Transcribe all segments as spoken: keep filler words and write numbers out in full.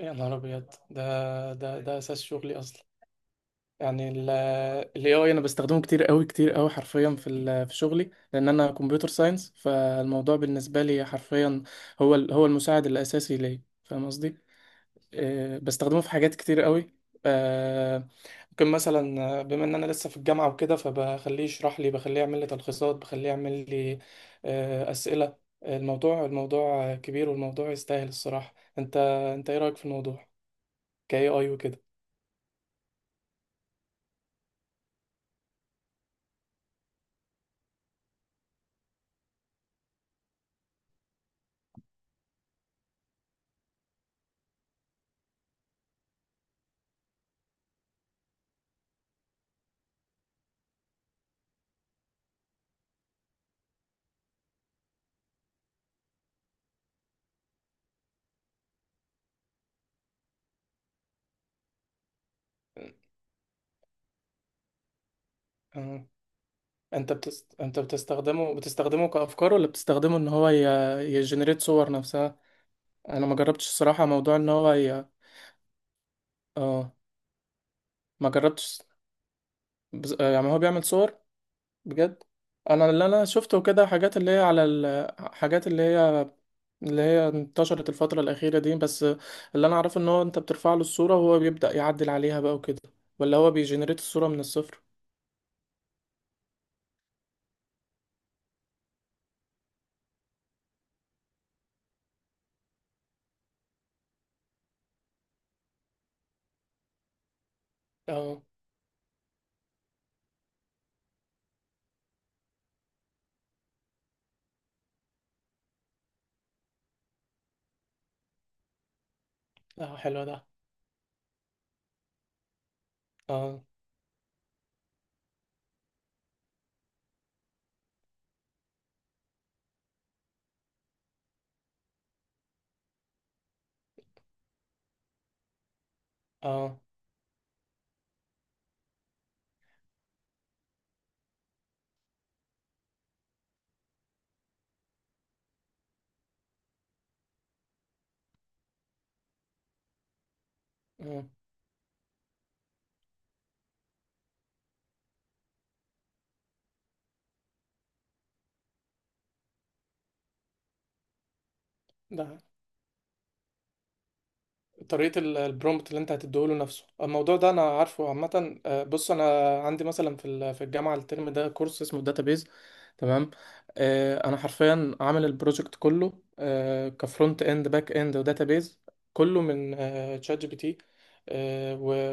يا نهار ابيض! ده ده ده اساس شغلي اصلا. يعني الاي اي انا بستخدمه كتير قوي كتير قوي حرفيا في ال- في شغلي، لان انا كمبيوتر ساينس، فالموضوع بالنسبه لي حرفيا هو ال- هو المساعد الاساسي ليا، فاهم قصدي؟ آه، بستخدمه في حاجات كتير قوي. آه، ممكن مثلا، آه، بما ان انا لسه في الجامعه وكده، فبخليه يشرح لي، بخليه يعمل لي تلخيصات، بخليه يعمل لي آه، اسئله. الموضوع الموضوع كبير، والموضوع يستاهل الصراحه. انت انت ايه رايك في الموضوع كاي اي وكده؟ آه. انت بتست... انت بتستخدمه بتستخدمه كافكار، ولا بتستخدمه ان هو ي... يجنريت صور نفسها؟ انا ما جربتش الصراحه موضوع ان هو ي... اه، ما جربتش. بز... آه، يعني هو بيعمل صور بجد؟ انا اللي انا شفته كده حاجات اللي هي على ال... حاجات اللي هي اللي هي انتشرت الفتره الاخيره دي بس، اللي انا اعرفه ان هو انت بترفع له الصوره وهو بيبدا يعدل عليها بقى وكده، ولا هو بيجنريت الصوره من الصفر؟ اه. اه، حلو ده. اه. اه. آه. ده طريقة ال- البرومبت اللي انت هتديهوله نفسه، الموضوع ده انا عارفه عامة. آه، بص، انا عندي مثلا في ال- في الجامعة الترم ده كورس اسمه داتابيز، تمام؟ آه، انا حرفيا عامل البروجكت كله، آه، كفرونت اند، باك اند، وداتابيز، كله من تشات جي بي تي،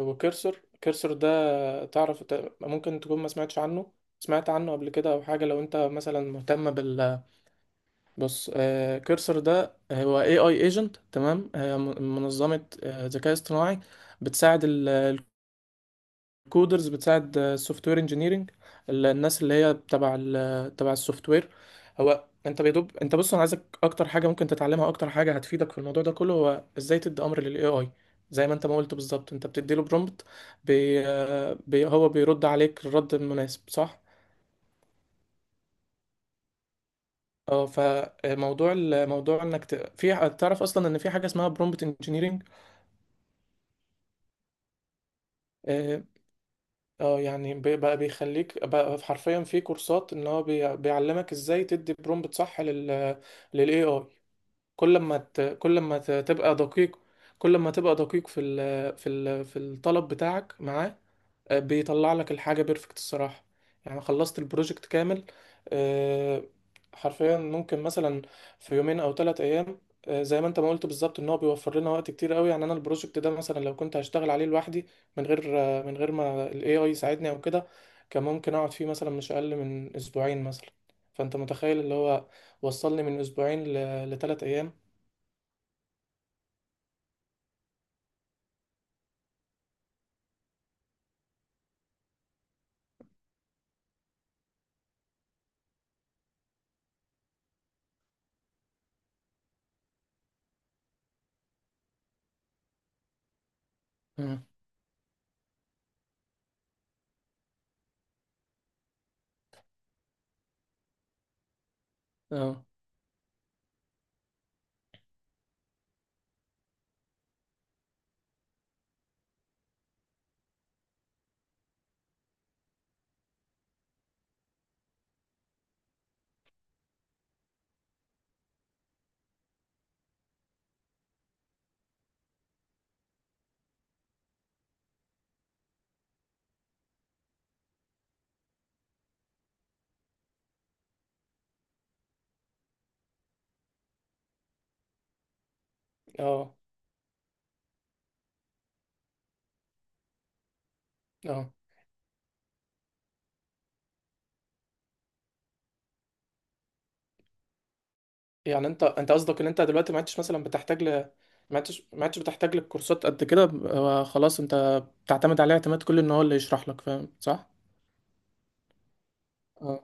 وكيرسر. كيرسر ده تعرف ت- ممكن تكون ما سمعتش عنه، سمعت عنه قبل كده او حاجة؟ لو انت مثلا مهتم بال، بص، آه، كيرسر ده هو اي اي ايجنت، تمام، آه م- منظمه، آه، ذكاء اصطناعي، بتساعد الكودرز، بتساعد السوفت وير انجينيرنج، الناس اللي هي تبع ال- تبع السوفت وير. هو انت بيدوب، انت بص، انا عايزك اكتر حاجه ممكن تتعلمها، اكتر حاجه هتفيدك في الموضوع ده كله، هو ازاي تدي امر للاي اي. زي ما انت ما قلت بالظبط، انت بتدي له برومبت، بي آه، بي هو بيرد عليك الرد المناسب، صح؟ اه. فموضوع ال- موضوع انك ت... في، تعرف اصلا ان في حاجه اسمها برومبت انجينيرنج؟ اه. آه، يعني بي- بقى بيخليك بقى حرفيا، في كورسات ان هو بي... بيعلمك ازاي تدي برومبت صح لل، للاي اي. كل ما ت... كل ما ت... تبقى دقيق، كل ما تبقى دقيق في ال... في ال... في الطلب بتاعك معاه، آه، بيطلع لك الحاجة بيرفكت الصراحة. يعني خلصت البروجكت كامل، آه، حرفيا، ممكن مثلا في يومين او ثلاث ايام. آه، زي ما انت ما قلت بالظبط، ان هو بيوفر لنا وقت كتير قوي. يعني انا البروجكت ده مثلا، لو كنت هشتغل عليه لوحدي، من غير آه، من غير ما الاي اي يساعدني او كده، كان ممكن اقعد فيه مثلا مش اقل من اسبوعين مثلا. فانت متخيل اللي هو وصلني من اسبوعين ل، لثلاث ايام. مم. اه. اه. اه. يعني انت انت قصدك ان انت دلوقتي ما عدتش مثلا بتحتاج ل، ما عدتش ما عدتش بتحتاج للكورسات قد كده، ب- آه، خلاص انت بتعتمد عليه اعتماد كلي، ان هو اللي يشرح لك، فاهم صح؟ اه.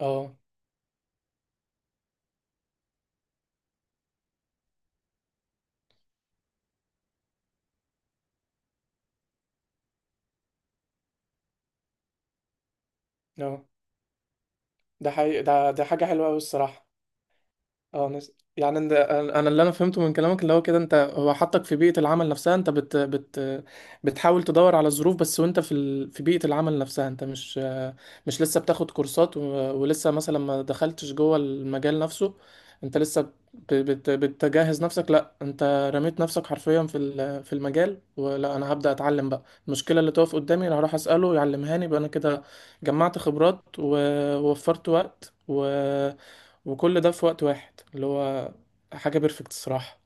اه. اه. ده حقيقي. ده ده حاجة حلوة قوي الصراحة. اه. نس... يعني إن- انا أنا اللي انا فهمته من كلامك اللي هو كده، انت هو حطك في بيئة العمل نفسها، انت بت... بت... بتحاول تدور على الظروف بس، وانت في ال... في بيئة العمل نفسها، انت مش، مش لسه بتاخد كورسات و، ولسه مثلا ما دخلتش جوه المجال نفسه، انت لسه ب... بت... بتجهز نفسك. لا انت رميت نفسك حرفيا في ال... في المجال، ولا انا هبدأ اتعلم بقى المشكلة اللي تقف قدامي، انا هروح اسأله يعلمهاني، يبقى انا كده جمعت خبرات، ووفرت وقت و، وكل ده في وقت واحد، اللي هو حاجة بيرفكت الصراحة.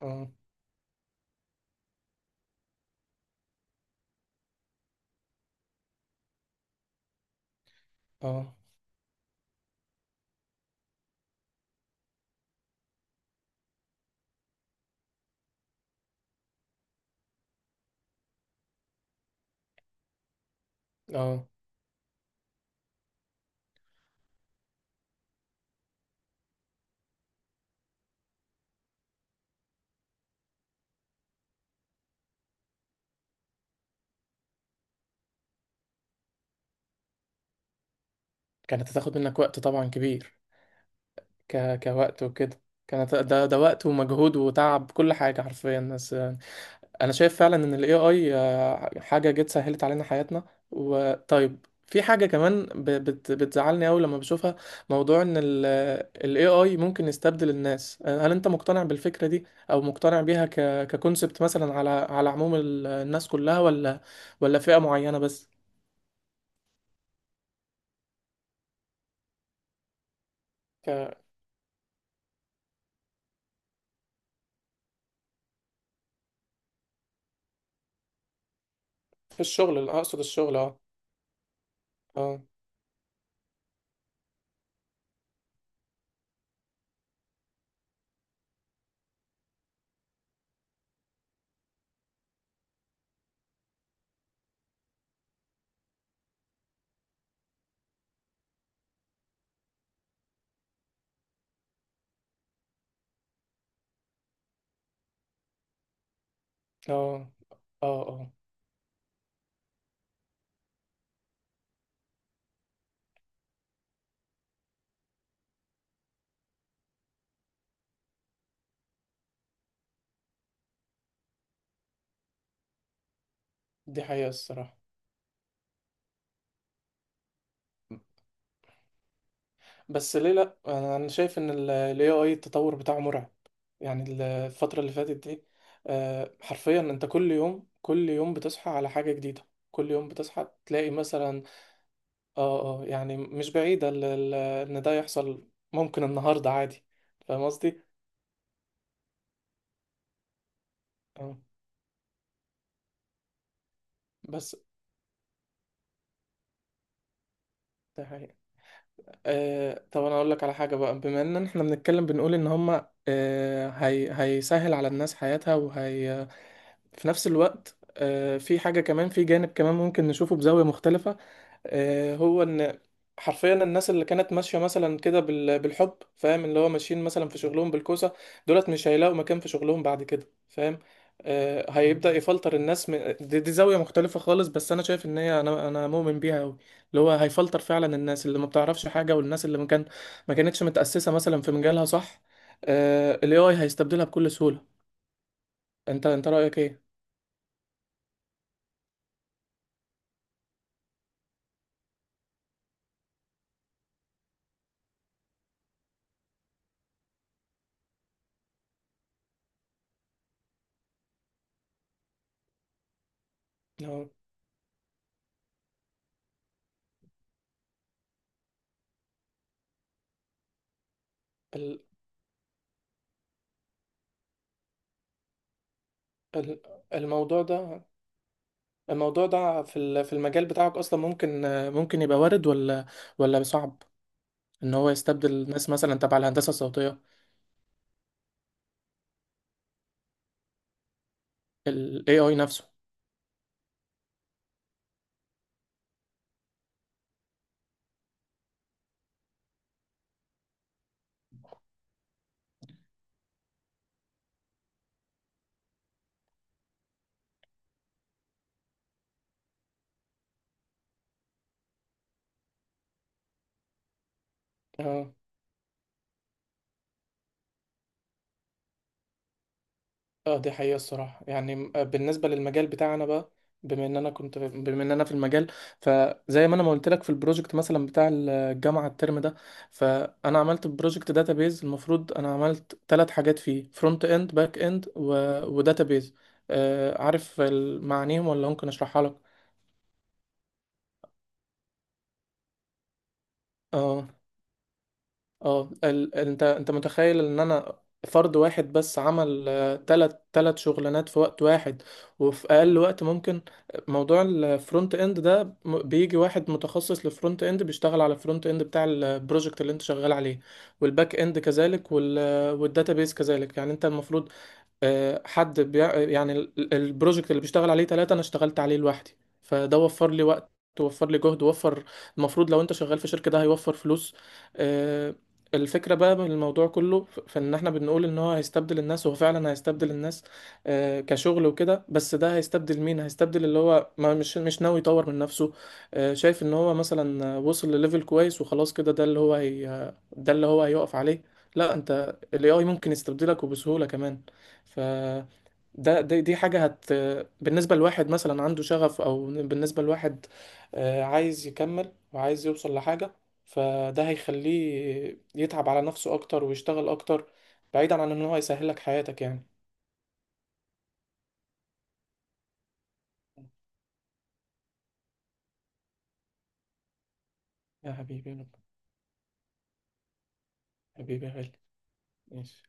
اه. اه. اه. كانت هتاخد منك وقت طبعا كبير، ك... كوقت وكده. كانت ده ده وقت ومجهود وتعب، كل حاجة حرفيا. بس انا شايف فعلا ان الاي اي حاجه جت سهلت علينا حياتنا. وطيب في حاجه كمان ب- بت- بتزعلني قوي لما بشوفها، موضوع ان الاي اي ممكن يستبدل الناس. هل انت مقتنع بالفكره دي، او مقتنع بيها ك، ككونسبت مثلا، على على عموم ال- الناس كلها، ولا، ولا فئه معينه بس؟ ك، في الشغل اقصد، الشغل. اه. اه. اه. اه. اه. دي حقيقه الصراحه. بس ليه، لا انا، أنا شايف ان الاي اي التطور بتاعه مرعب. يعني ال- الفترة اللي فاتت دي، آه، حرفيا انت كل يوم، كل يوم بتصحى على حاجة جديدة، كل يوم بتصحى تلاقي مثلا، اه. اه. يعني مش بعيدة ال- ال- ان ده يحصل ممكن النهاردة عادي، فاهم قصدي؟ اه. بس ده حقيقة. آه، طب انا اقول لك على حاجة بقى، بما ان احنا بنتكلم بنقول ان هما، آه، هي هيسهل على الناس حياتها، وهي في نفس الوقت آه، في حاجة كمان، في جانب كمان ممكن نشوفه بزاوية مختلفة، آه، هو ان حرفيا الناس اللي كانت ماشيه مثلا كده بال- بالحب، فاهم، اللي هو ماشيين مثلا في شغلهم بالكوسه، دولت مش هيلاقوا مكان في شغلهم بعد كده، فاهم؟ آه، هيبدا يفلتر الناس من دي, دي زاويه مختلفه خالص، بس انا شايف ان هي، انا انا مؤمن بيها قوي، اللي هو هيفلتر فعلا الناس اللي ما بتعرفش حاجه، والناس اللي ما كان، ما كانتش متاسسه مثلا في مجالها، صح؟ آه، ال إيه آي هيستبدلها بكل سهوله. انت انت رايك ايه؟ لو ال- ال- الموضوع ده، الموضوع ده في ال- في المجال بتاعك اصلا، ممكن، ممكن يبقى وارد، ولا، ولا صعب ان هو يستبدل ناس مثلا تبع الهندسه الصوتيه، ال إيه آي نفسه؟ اه. اه. دي حقيقه الصراحه. يعني م- آه، بالنسبه للمجال بتاعنا بقى، بما ان انا كنت، بما ان انا في المجال، فزي ما انا ما قلت لك في البروجكت مثلا بتاع الجامعه الترم ده، فانا عملت بروجكت داتابيز، المفروض انا عملت ثلاث حاجات فيه: فرونت اند، باك اند، وداتابيز. آه، عارف ال- معانيهم، ولا ممكن اشرحها لك؟ اه. اه. ال... ال- انت انت متخيل ان انا فرد واحد بس عمل آه، تلت تلت شغلانات في وقت واحد، وفي اقل وقت ممكن؟ موضوع الفرونت اند ده م- بيجي واحد متخصص للفرونت اند، بيشتغل على الفرونت اند بتاع البروجكت اللي انت شغال عليه، والباك اند كذلك، وال، والداتابيس كذلك. يعني انت المفروض، آه، حد بيع... آه، يعني ال- ال- البروجكت اللي بيشتغل عليه ثلاثة، أنا اشتغلت عليه لوحدي، فده وفر لي وقت، وفر لي جهد، وفر، المفروض لو أنت شغال في شركة، ده هيوفر فلوس. آه، الفكرة بقى من الموضوع كله، ف- في إن إحنا بنقول إن هو هيستبدل الناس، وهو فعلا هيستبدل الناس، آه، كشغل وكده. بس ده هيستبدل مين؟ هيستبدل اللي هو ما، مش، مش ناوي يطور من نفسه، آه، شايف إن هو مثلا وصل لليفل كويس وخلاص كده، ده اللي هو هي... ده اللي هو هيقف عليه. لا، أنت ال إيه آي ممكن يستبدلك، وبسهولة كمان. فده، ده دي دي حاجة هت، بالنسبة لواحد مثلا عنده شغف، أو بالنسبة لواحد آه، عايز يكمل وعايز يوصل لحاجة، فده هيخليه يتعب على نفسه أكتر، ويشتغل أكتر، بعيدا عن إن هو يسهلك حياتك يعني. يا حبيبي، يا رب. حبيبي يا غالي. ماشي.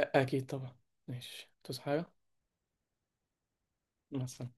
أ- أكيد طبعا. ماشي، تصحى حاجة. مع السلامة.